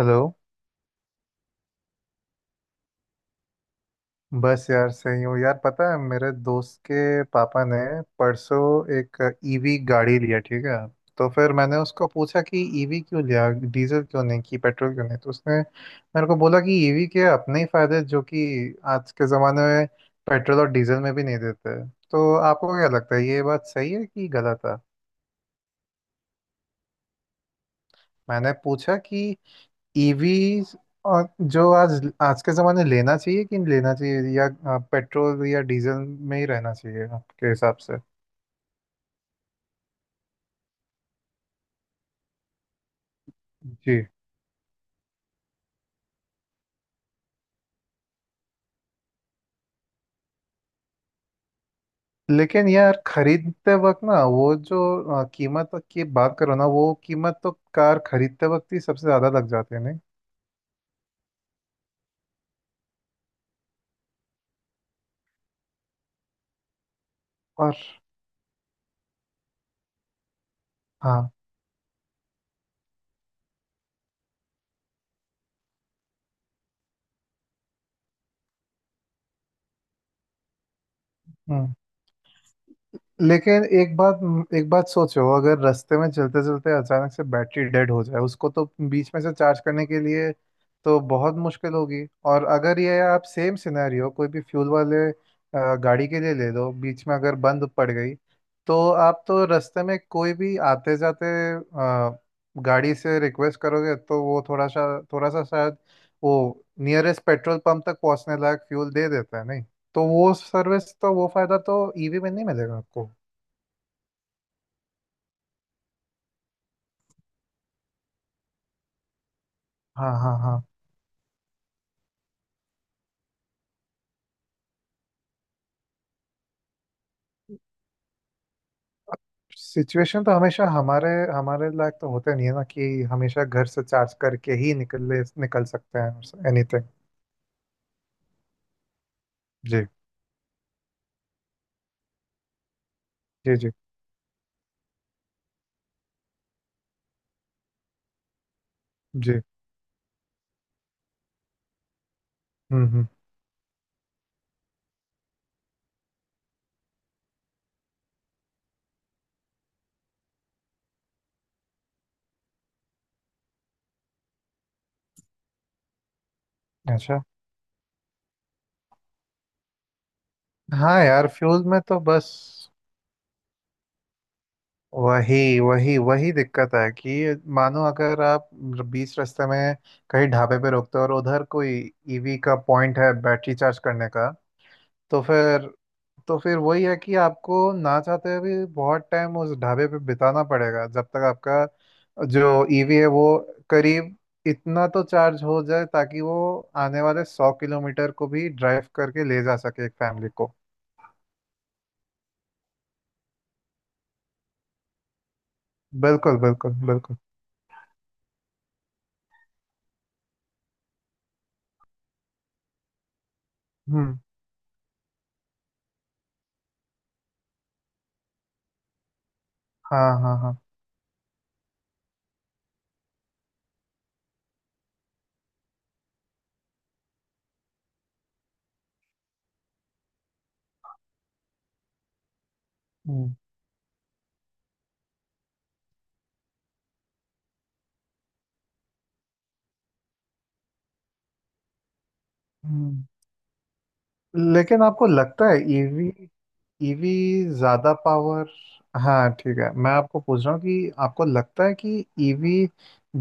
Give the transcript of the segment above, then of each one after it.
Hello. बस यार सही हूँ यार, पता है मेरे दोस्त के पापा ने परसों एक ईवी गाड़ी लिया, ठीक है। तो फिर मैंने उसको पूछा कि ईवी क्यों लिया, डीजल क्यों नहीं कि पेट्रोल क्यों नहीं। तो उसने मेरे को बोला कि ईवी के अपने ही फायदे हैं, जो कि आज के ज़माने में पेट्रोल और डीजल में भी नहीं देते। तो आपको क्या लगता है ये बात सही है कि गलत है? मैंने पूछा कि ईवी और जो आज आज के जमाने लेना चाहिए कि लेना चाहिए या पेट्रोल या डीजल में ही रहना चाहिए आपके हिसाब से। जी। लेकिन यार खरीदते वक्त ना वो जो कीमत की बात करो ना, वो कीमत तो कार खरीदते वक्त ही सबसे ज्यादा लग जाती है नहीं। और। हाँ। हम्म। लेकिन एक बात सोचो, अगर रास्ते में चलते चलते अचानक से बैटरी डेड हो जाए उसको, तो बीच में से चार्ज करने के लिए तो बहुत मुश्किल होगी। और अगर ये आप सेम सिनेरियो कोई भी फ्यूल वाले गाड़ी के लिए ले लो, बीच में अगर बंद पड़ गई तो आप तो रास्ते में कोई भी आते जाते अ, गाड़ी से रिक्वेस्ट करोगे तो वो थोड़ा सा शायद वो नियरेस्ट पेट्रोल पंप तक पहुंचने लायक फ्यूल दे देता है नहीं। तो वो सर्विस तो वो फायदा तो ईवी में नहीं मिलेगा आपको। हाँ हाँ हाँ। सिचुएशन तो हमेशा हमारे हमारे लायक तो होते नहीं है ना कि हमेशा घर से चार्ज करके ही निकल सकते हैं एनीथिंग। जी जी जी जी। हम्म। अच्छा। हाँ यार, फ्यूल में तो बस वही वही वही दिक्कत है कि मानो अगर आप बीच रास्ते में कहीं ढाबे पे रुकते हो और उधर कोई ईवी का पॉइंट है बैटरी चार्ज करने का, तो फिर तो फिर वही है कि आपको ना चाहते हुए भी बहुत टाइम उस ढाबे पे बिताना पड़ेगा जब तक आपका जो ईवी है वो करीब इतना तो चार्ज हो जाए ताकि वो आने वाले 100 किलोमीटर को भी ड्राइव करके ले जा सके एक फैमिली को। बिल्कुल बिल्कुल बिल्कुल। हम्म। हाँ हाँ हाँ। हम्म हम्म। लेकिन आपको लगता है ईवी ईवी ज्यादा पावर। हाँ ठीक है, मैं आपको पूछ रहा हूँ कि आपको लगता है कि ईवी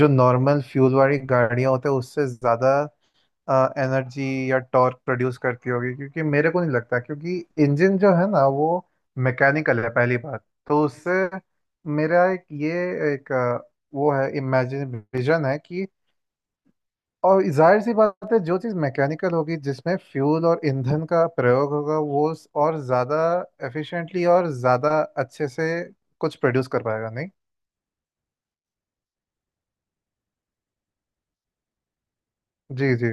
जो नॉर्मल फ्यूल वाली गाड़ियाँ होते हैं उससे ज्यादा एनर्जी या टॉर्क प्रोड्यूस करती होगी? क्योंकि मेरे को नहीं लगता, क्योंकि इंजन जो है ना वो मैकेनिकल है, पहली बात। तो उससे मेरा एक ये एक अ, वो है, इमेजिन विजन है कि और जाहिर सी बात है जो चीज़ मैकेनिकल होगी जिसमें फ्यूल और ईंधन का प्रयोग होगा वो और ज़्यादा एफिशिएंटली और ज़्यादा अच्छे से कुछ प्रोड्यूस कर पाएगा नहीं। जी जी।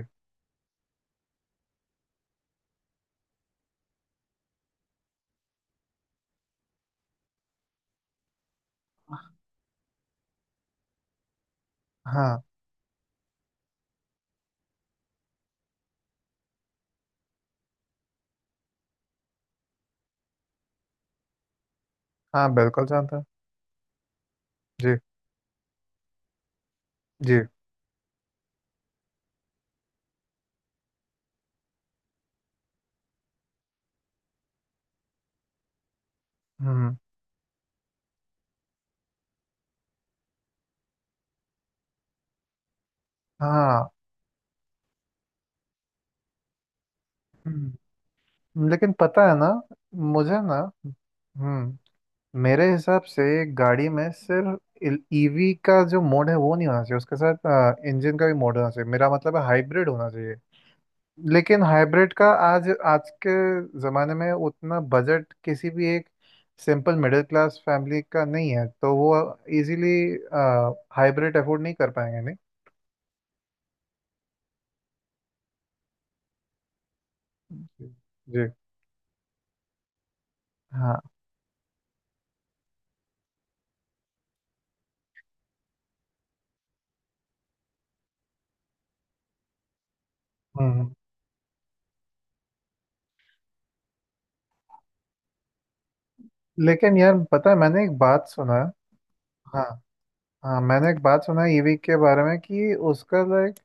हाँ। हाँ बिल्कुल जानता हूँ। जी। जी। हम्म। हाँ। हम्म। लेकिन पता है ना मुझे ना, हम्म मेरे हिसाब से गाड़ी में सिर्फ ईवी का जो मोड है वो नहीं होना चाहिए, उसके साथ इंजन का भी मोड होना चाहिए। मेरा मतलब है हाइब्रिड होना चाहिए। लेकिन हाइब्रिड का आज आज के ज़माने में उतना बजट किसी भी एक सिंपल मिडिल क्लास फैमिली का नहीं है तो वो इजीली हाइब्रिड अफोर्ड नहीं कर पाएंगे नहीं। जी जी, हाँ। हम्म। लेकिन यार पता है, मैंने एक बात सुना है। हाँ हाँ, मैंने एक बात सुना है ईवी के बारे में कि उसका लाइक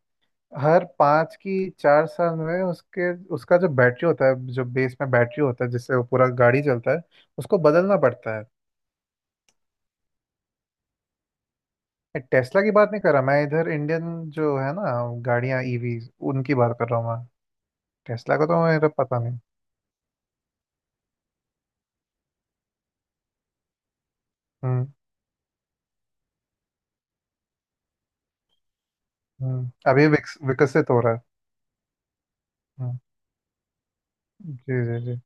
हर 5 की 4 साल में उसके उसका जो बैटरी होता है, जो बेस में बैटरी होता है जिससे वो पूरा गाड़ी चलता है, उसको बदलना पड़ता है। टेस्ला की बात नहीं कर रहा मैं, इधर इंडियन जो है ना गाड़ियां ईवी, उनकी बात कर रहा हूँ मैं। टेस्ला का तो मेरा पता नहीं। हम्म। हम्म, अभी विकसित हो रहा है। हम्म, जी जी जी।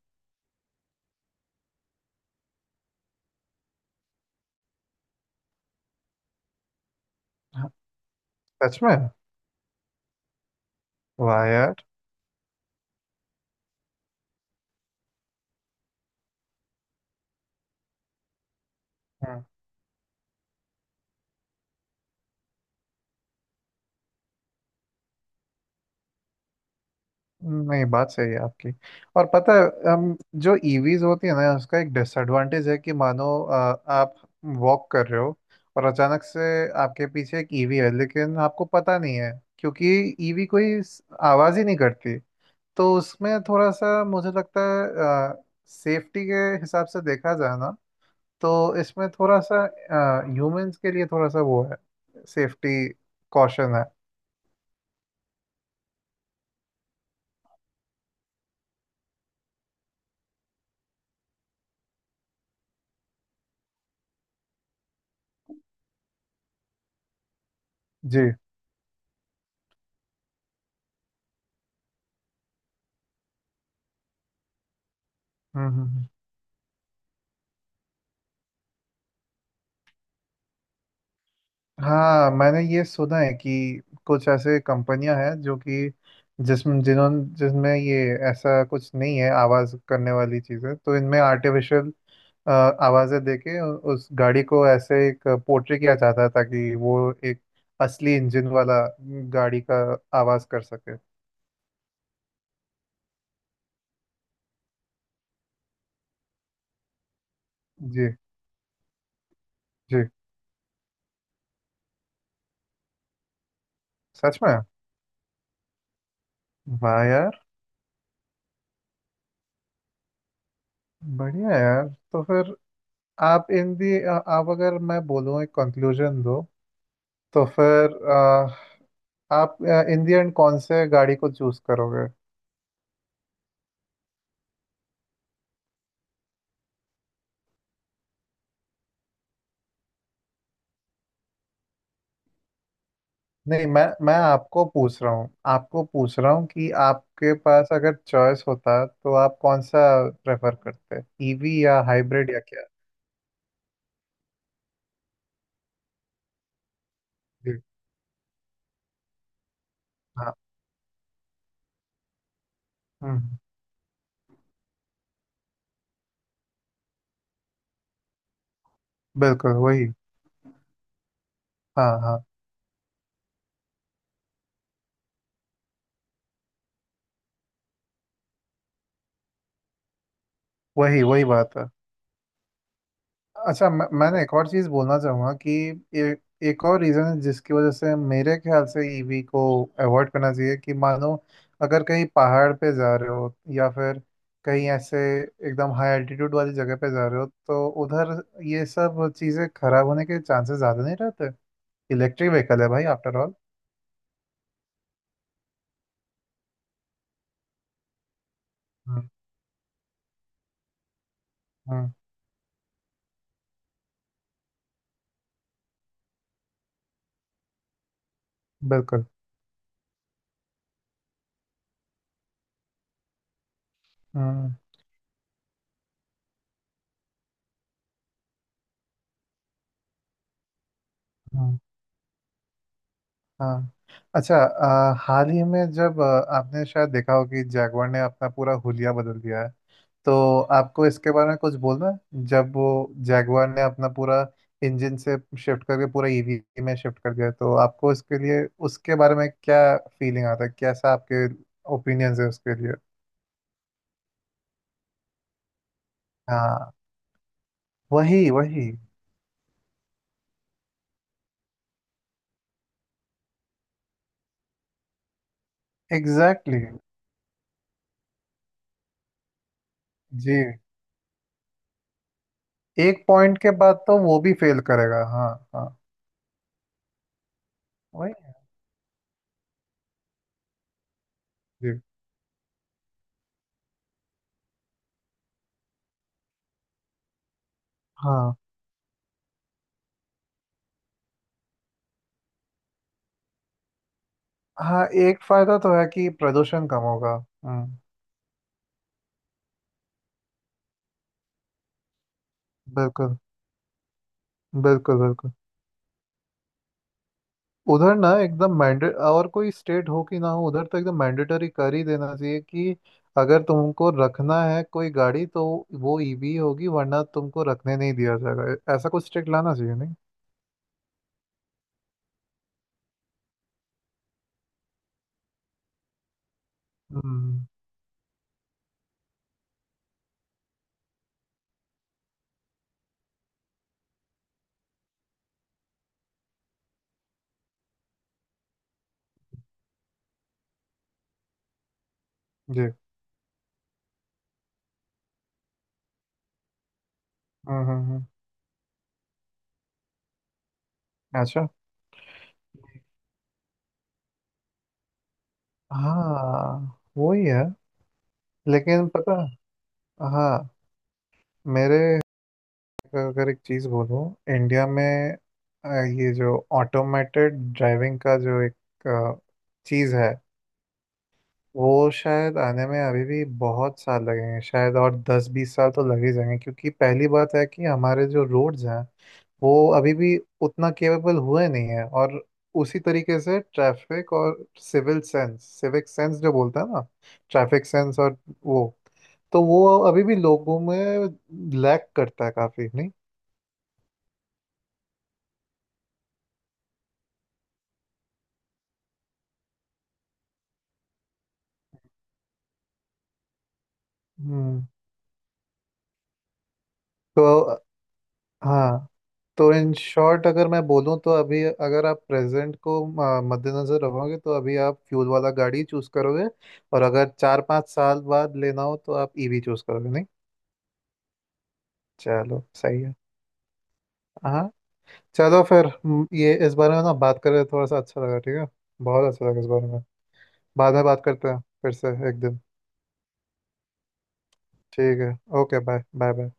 हाँ, सच में। वाह यार। हम्म। नहीं, बात सही है आपकी। और पता है, जो ईवीज होती है ना उसका एक डिसएडवांटेज है कि मानो आप वॉक कर रहे हो और अचानक से आपके पीछे एक ईवी है लेकिन आपको पता नहीं है, क्योंकि ईवी कोई आवाज ही नहीं करती। तो उसमें थोड़ा सा मुझे लगता है सेफ्टी के हिसाब से देखा जाए ना तो इसमें थोड़ा सा ह्यूमंस के लिए थोड़ा सा वो है, सेफ्टी कॉशन है। जी। हम्म हम्म, हम्म। हाँ मैंने ये सुना है कि कुछ ऐसे कंपनियां हैं जो कि जिसमें जिन्होंने जिसमें ये ऐसा कुछ नहीं है आवाज़ करने वाली चीज़ें, तो इनमें आर्टिफिशियल अ, आवाज़ें देके उस गाड़ी को ऐसे एक पोर्ट्रे किया जाता था कि वो एक असली इंजन वाला गाड़ी का आवाज़ कर सके। जी जी। सच में। वाह यार। बढ़िया यार। तो फिर आप इन दी आप अगर मैं बोलूँ एक कंक्लूजन दो, तो फिर आप इन दी एंड कौन से गाड़ी को चूज करोगे? नहीं, मैं आपको पूछ रहा हूँ, आपको पूछ रहा हूँ कि आपके पास अगर चॉइस होता तो आप कौन सा प्रेफर करते? ईवी या हाइब्रिड या क्या? जी। हाँ। हम्म। बिल्कुल वही। हाँ हाँ। वही वही बात है। अच्छा मैंने एक और चीज़ बोलना चाहूँगा कि ए, एक और रीज़न है जिसकी वजह से मेरे ख्याल से ईवी को अवॉइड करना चाहिए कि मानो अगर कहीं पहाड़ पे जा रहे हो या फिर कहीं ऐसे एकदम हाई एल्टीट्यूड वाली जगह पे जा रहे हो तो उधर ये सब चीज़ें खराब होने के चांसेस ज़्यादा नहीं रहते। इलेक्ट्रिक व्हीकल है भाई आफ्टर ऑल। हम्म। हम्म, बिल्कुल। हम्म। हम्म, हाँ। अच्छा हाल ही में जब आपने शायद देखा हो कि जैगवार ने अपना पूरा हुलिया बदल दिया है, तो आपको इसके बारे में कुछ बोलना है? जब वो जैगुआर ने अपना पूरा इंजन से शिफ्ट करके पूरा ईवी में शिफ्ट कर दिया, तो आपको इसके लिए उसके बारे में क्या फीलिंग आता है, कैसा आपके ओपिनियंस है उसके लिए? हाँ वही वही। Exactly exactly। जी। एक पॉइंट के बाद तो वो भी फेल करेगा हाँ। हाँ वही। जी। हाँ। हाँ एक फायदा तो है कि प्रदूषण कम होगा। हम्म। बिल्कुल बिल्कुल बिल्कुल। उधर ना एकदम मैंडे और कोई स्टेट हो कि ना हो, उधर तो एकदम मैंडेटरी कर ही देना चाहिए कि अगर तुमको रखना है कोई गाड़ी तो वो ईवी होगी, वरना तुमको रखने नहीं दिया जाएगा, ऐसा कुछ स्टेट लाना चाहिए नहीं। हम्म। जी। हम्म हम्म हम्म। अच्छा। हाँ वही है। लेकिन पता। हाँ। मेरे अगर एक चीज़ बोलूँ, इंडिया में अ, ये जो ऑटोमेटेड ड्राइविंग का जो एक अ, चीज़ है वो शायद आने में अभी भी बहुत साल लगेंगे, शायद और 10 20 साल तो लग ही जाएंगे, क्योंकि पहली बात है कि हमारे जो रोड्स हैं वो अभी भी उतना केपेबल हुए नहीं है, और उसी तरीके से ट्रैफिक और सिविल सेंस सिविक सेंस जो बोलते हैं ना, ट्रैफिक सेंस और वो, तो वो अभी भी लोगों में लैक करता है काफी नहीं। हम्म। तो हाँ। तो इन शॉर्ट अगर मैं बोलूँ तो अभी अगर आप प्रेजेंट को मद्देनजर रखोगे तो अभी आप फ्यूल वाला गाड़ी चूज करोगे, और अगर 4 5 साल बाद लेना हो तो आप ईवी चूज करोगे नहीं। चलो सही है। हाँ। चलो फिर ये इस बारे में ना बात करें थोड़ा सा, अच्छा लगा ठीक है, बहुत अच्छा लगा इस बारे में। बाद में बात करते हैं फिर से एक दिन। ठीक है। Okay bye bye bye.